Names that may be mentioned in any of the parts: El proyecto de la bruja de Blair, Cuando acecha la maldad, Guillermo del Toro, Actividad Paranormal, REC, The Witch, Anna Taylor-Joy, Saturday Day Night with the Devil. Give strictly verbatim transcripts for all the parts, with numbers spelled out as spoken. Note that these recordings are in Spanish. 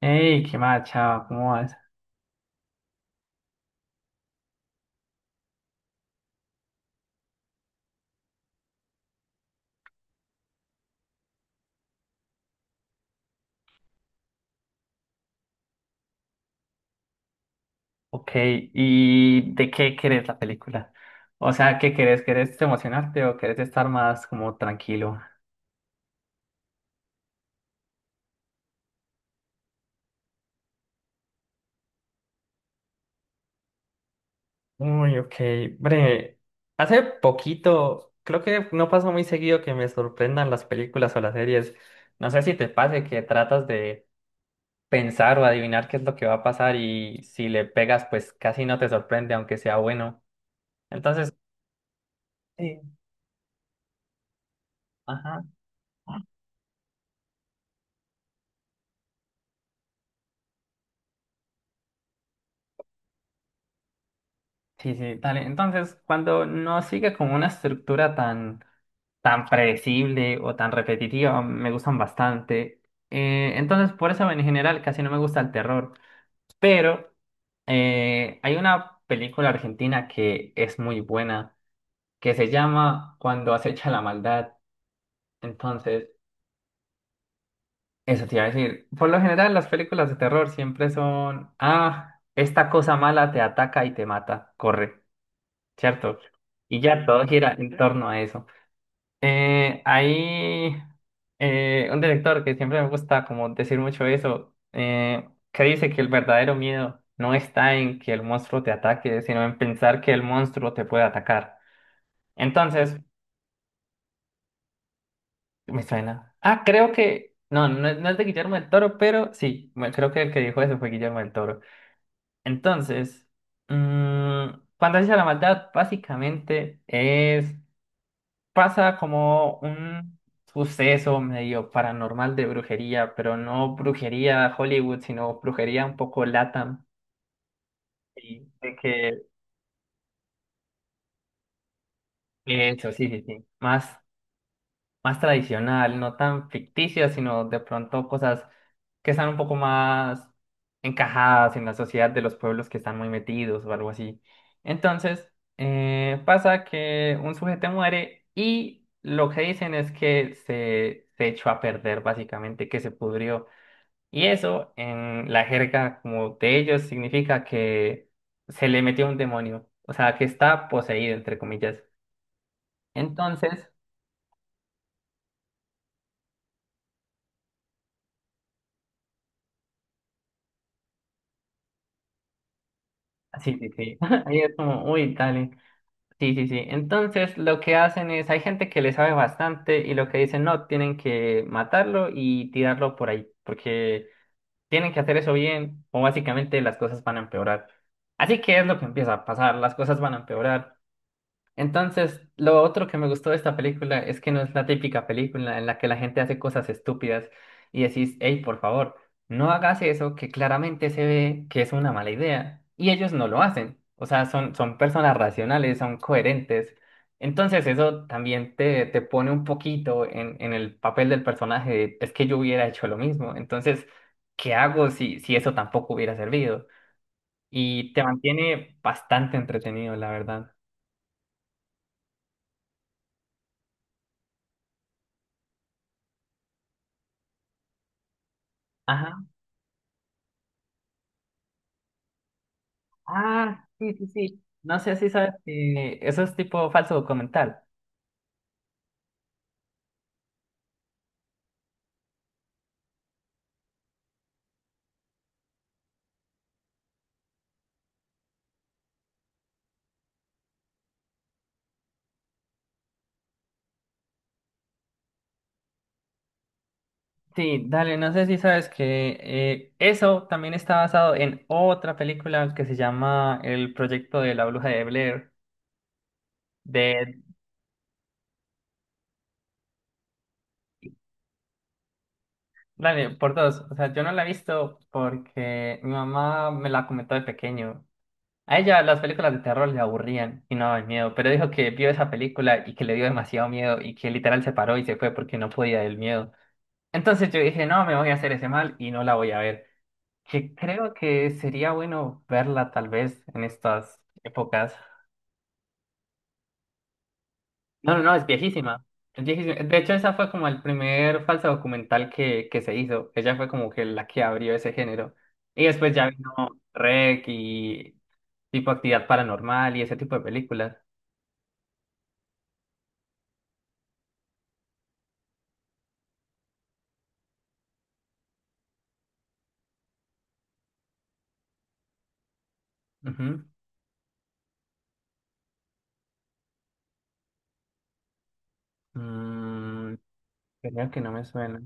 Hey, qué macha, ¿cómo vas? Ok, ¿y de qué querés la película? O sea, ¿qué querés? ¿Querés emocionarte o querés estar más como tranquilo? Uy, ok. Bre, hace poquito, creo que no pasa muy seguido que me sorprendan las películas o las series. No sé si te pase que tratas de pensar o adivinar qué es lo que va a pasar y si le pegas, pues casi no te sorprende, aunque sea bueno. Entonces, sí, ajá. Sí, sí, dale. Entonces, cuando no sigue como una estructura tan, tan predecible o tan repetitiva, me gustan bastante. Eh, entonces, por eso en general casi no me gusta el terror. Pero eh, hay una película argentina que es muy buena, que se llama Cuando acecha la maldad. Entonces, eso te iba a decir. Por lo general, las películas de terror siempre son, ah, esta cosa mala te ataca y te mata, corre, ¿cierto? Y ya todo gira en torno a eso. Eh, hay eh, un director que siempre me gusta como decir mucho eso, eh, que dice que el verdadero miedo no está en que el monstruo te ataque, sino en pensar que el monstruo te puede atacar. Entonces, me suena. Ah, creo que... No, no, es no es de Guillermo del Toro, pero sí, me- creo que el que dijo eso fue Guillermo del Toro. Entonces, mm, cuando Fantasía de la Maldad básicamente es... pasa como un suceso medio paranormal de brujería, pero no brujería Hollywood, sino brujería un poco LATAM. Y de que eso, sí, sí, sí. Más más tradicional, no tan ficticia, sino de pronto cosas que están un poco más encajadas en la sociedad de los pueblos que están muy metidos o algo así. Entonces, eh, pasa que un sujeto muere y lo que dicen es que se, se echó a perder, básicamente, que se pudrió. Y eso en la jerga como de ellos significa que se le metió un demonio, o sea, que está poseído, entre comillas. Entonces, sí, sí, sí. Ahí es como, uy, dale. Sí, sí, sí. Entonces, lo que hacen es, hay gente que le sabe bastante y lo que dicen, no, tienen que matarlo y tirarlo por ahí, porque tienen que hacer eso bien o básicamente las cosas van a empeorar. Así que es lo que empieza a pasar, las cosas van a empeorar. Entonces, lo otro que me gustó de esta película es que no es la típica película en la que la gente hace cosas estúpidas y decís, hey, por favor, no hagas eso que claramente se ve que es una mala idea. Y ellos no lo hacen. O sea, son, son personas racionales, son coherentes. Entonces, eso también te, te pone un poquito en, en el papel del personaje de, es que yo hubiera hecho lo mismo. Entonces, ¿qué hago si, si eso tampoco hubiera servido? Y te mantiene bastante entretenido, la verdad. Ajá. Ah, sí, sí, sí. No sé si sabes que eso es tipo falso documental. Sí, dale, no sé si sabes que eh, eso también está basado en otra película que se llama El proyecto de la bruja de Blair, de, dale, por dos. O sea, yo no la he visto porque mi mamá me la comentó de pequeño. A ella las películas de terror le aburrían y no daban miedo, pero dijo que vio esa película y que le dio demasiado miedo y que literal se paró y se fue porque no podía del miedo. Entonces yo dije, no, me voy a hacer ese mal y no la voy a ver. Que creo que sería bueno verla tal vez en estas épocas. No, no, no, es viejísima. Es viejísima. De hecho, esa fue como el primer falso documental que, que se hizo. Ella fue como que la que abrió ese género. Y después ya vino REC y tipo Actividad Paranormal y ese tipo de películas. Ujú. Mm, creo que no me suena.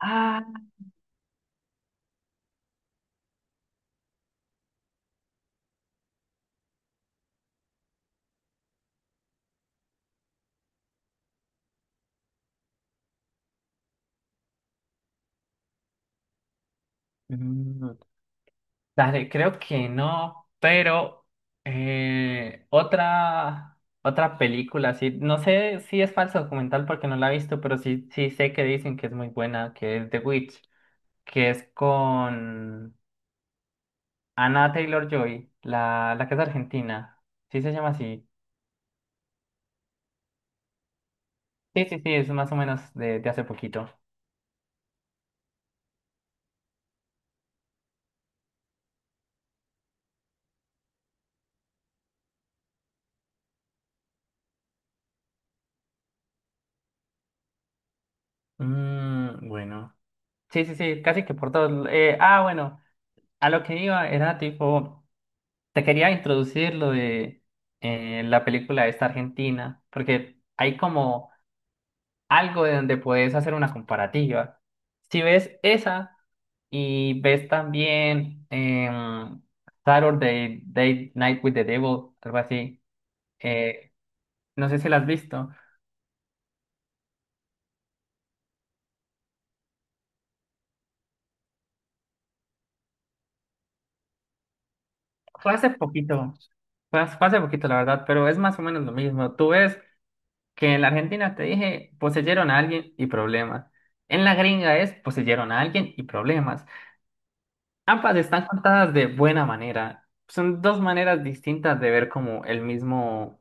Ah, mm, dale, creo que no, pero eh, otra, otra película, sí, no sé si es falso documental porque no la he visto, pero sí, sí sé que dicen que es muy buena, que es The Witch, que es con Anna Taylor-Joy, la, la que es argentina, sí se llama así. Sí, sí, sí, es más o menos de, de hace poquito. Mm, bueno, sí, sí, sí, casi que por todos. eh, ah, bueno, a lo que iba era tipo... Te quería introducir lo de eh, la película esta argentina, porque hay como algo de donde puedes hacer una comparativa. Si ves esa y ves también em, Saturday Day Night with the Devil, algo así, eh, no sé si la has visto. Fue hace poquito, fue hace fue hace poquito la verdad, pero es más o menos lo mismo. Tú ves que en la Argentina te dije, poseyeron a alguien y problemas. En la gringa es poseyeron a alguien y problemas. Ambas están contadas de buena manera. Son dos maneras distintas de ver como el mismo,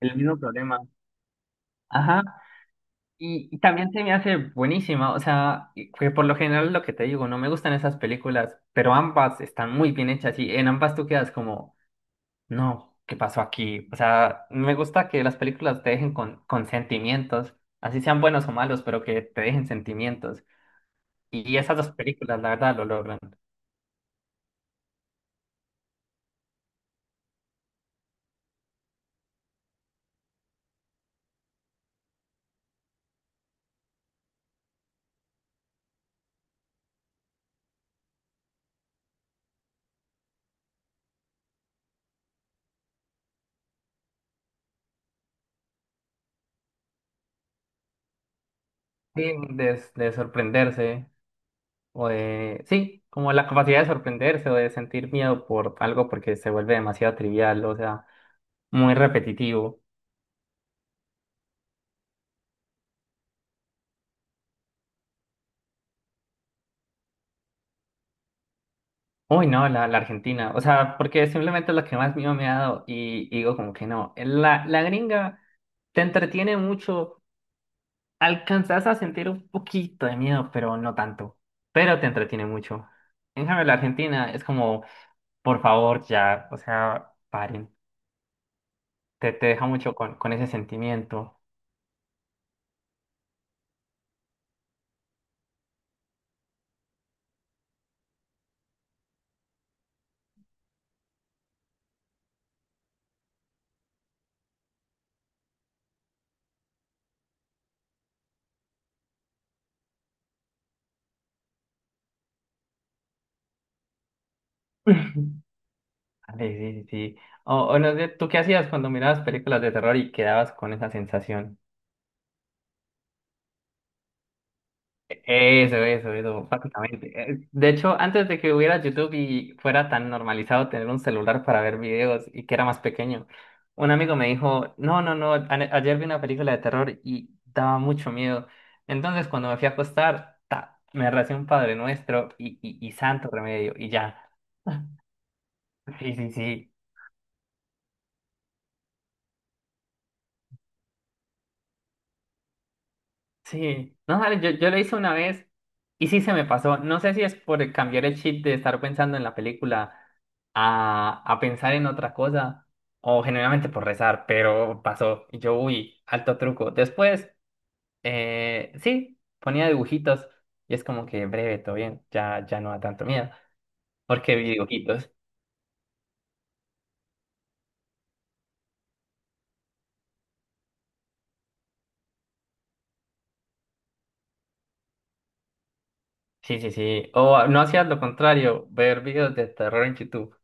el mismo problema. Ajá. Y, y también se me hace buenísima. O sea, y- que por lo general lo que te digo, no me gustan esas películas, pero ambas están muy bien hechas y en ambas tú quedas como, no, ¿qué pasó aquí? O sea, me gusta que las películas te dejen con, con sentimientos, así sean buenos o malos, pero que te dejen sentimientos. Y esas dos películas, la verdad, lo logran. Sí, de de sorprenderse. O de, sí, como la capacidad de sorprenderse o de sentir miedo por algo porque se vuelve demasiado trivial, o sea, muy repetitivo. Uy, no, la, la Argentina, o sea, porque simplemente es la que más miedo me ha dado y, y digo como que no, la, la gringa te entretiene mucho, alcanzas a sentir un poquito de miedo, pero no tanto, pero te entretiene mucho. En cambio, la Argentina es como, por favor, ya, o sea, paren, te, te deja mucho con, con ese sentimiento. Sí, sí, sí. Sí. O, o no sé, ¿tú qué hacías cuando mirabas películas de terror y quedabas con esa sensación? E, Eso, eso, eso, básicamente. Eh, De hecho, antes de que hubiera YouTube y fuera tan normalizado tener un celular para ver videos y que era más pequeño, un amigo me dijo, no, no, no, a- ayer vi una película de terror y daba mucho miedo. Entonces, cuando me fui a acostar, ta, me recé un Padre Nuestro y, y, y Santo Remedio y ya. Sí, sí, sí. Sí, no sabes, yo, yo lo hice una vez y sí se me pasó. No sé si es por cambiar el chip de estar pensando en la película a, a pensar en otra cosa o generalmente por rezar, pero pasó. Y yo, uy, alto truco. Después, eh, sí, ponía dibujitos y es como que breve, todo bien, ya, ya no da tanto miedo porque vi dibujitos. Sí, sí, sí. O no hacías lo contrario, ver videos de terror en YouTube.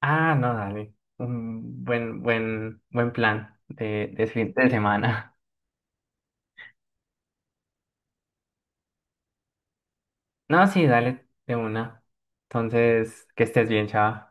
Ah, no, dale. Un buen, buen, buen plan de, de fin de semana. No, sí, dale, de una. Entonces, que estés bien, chao.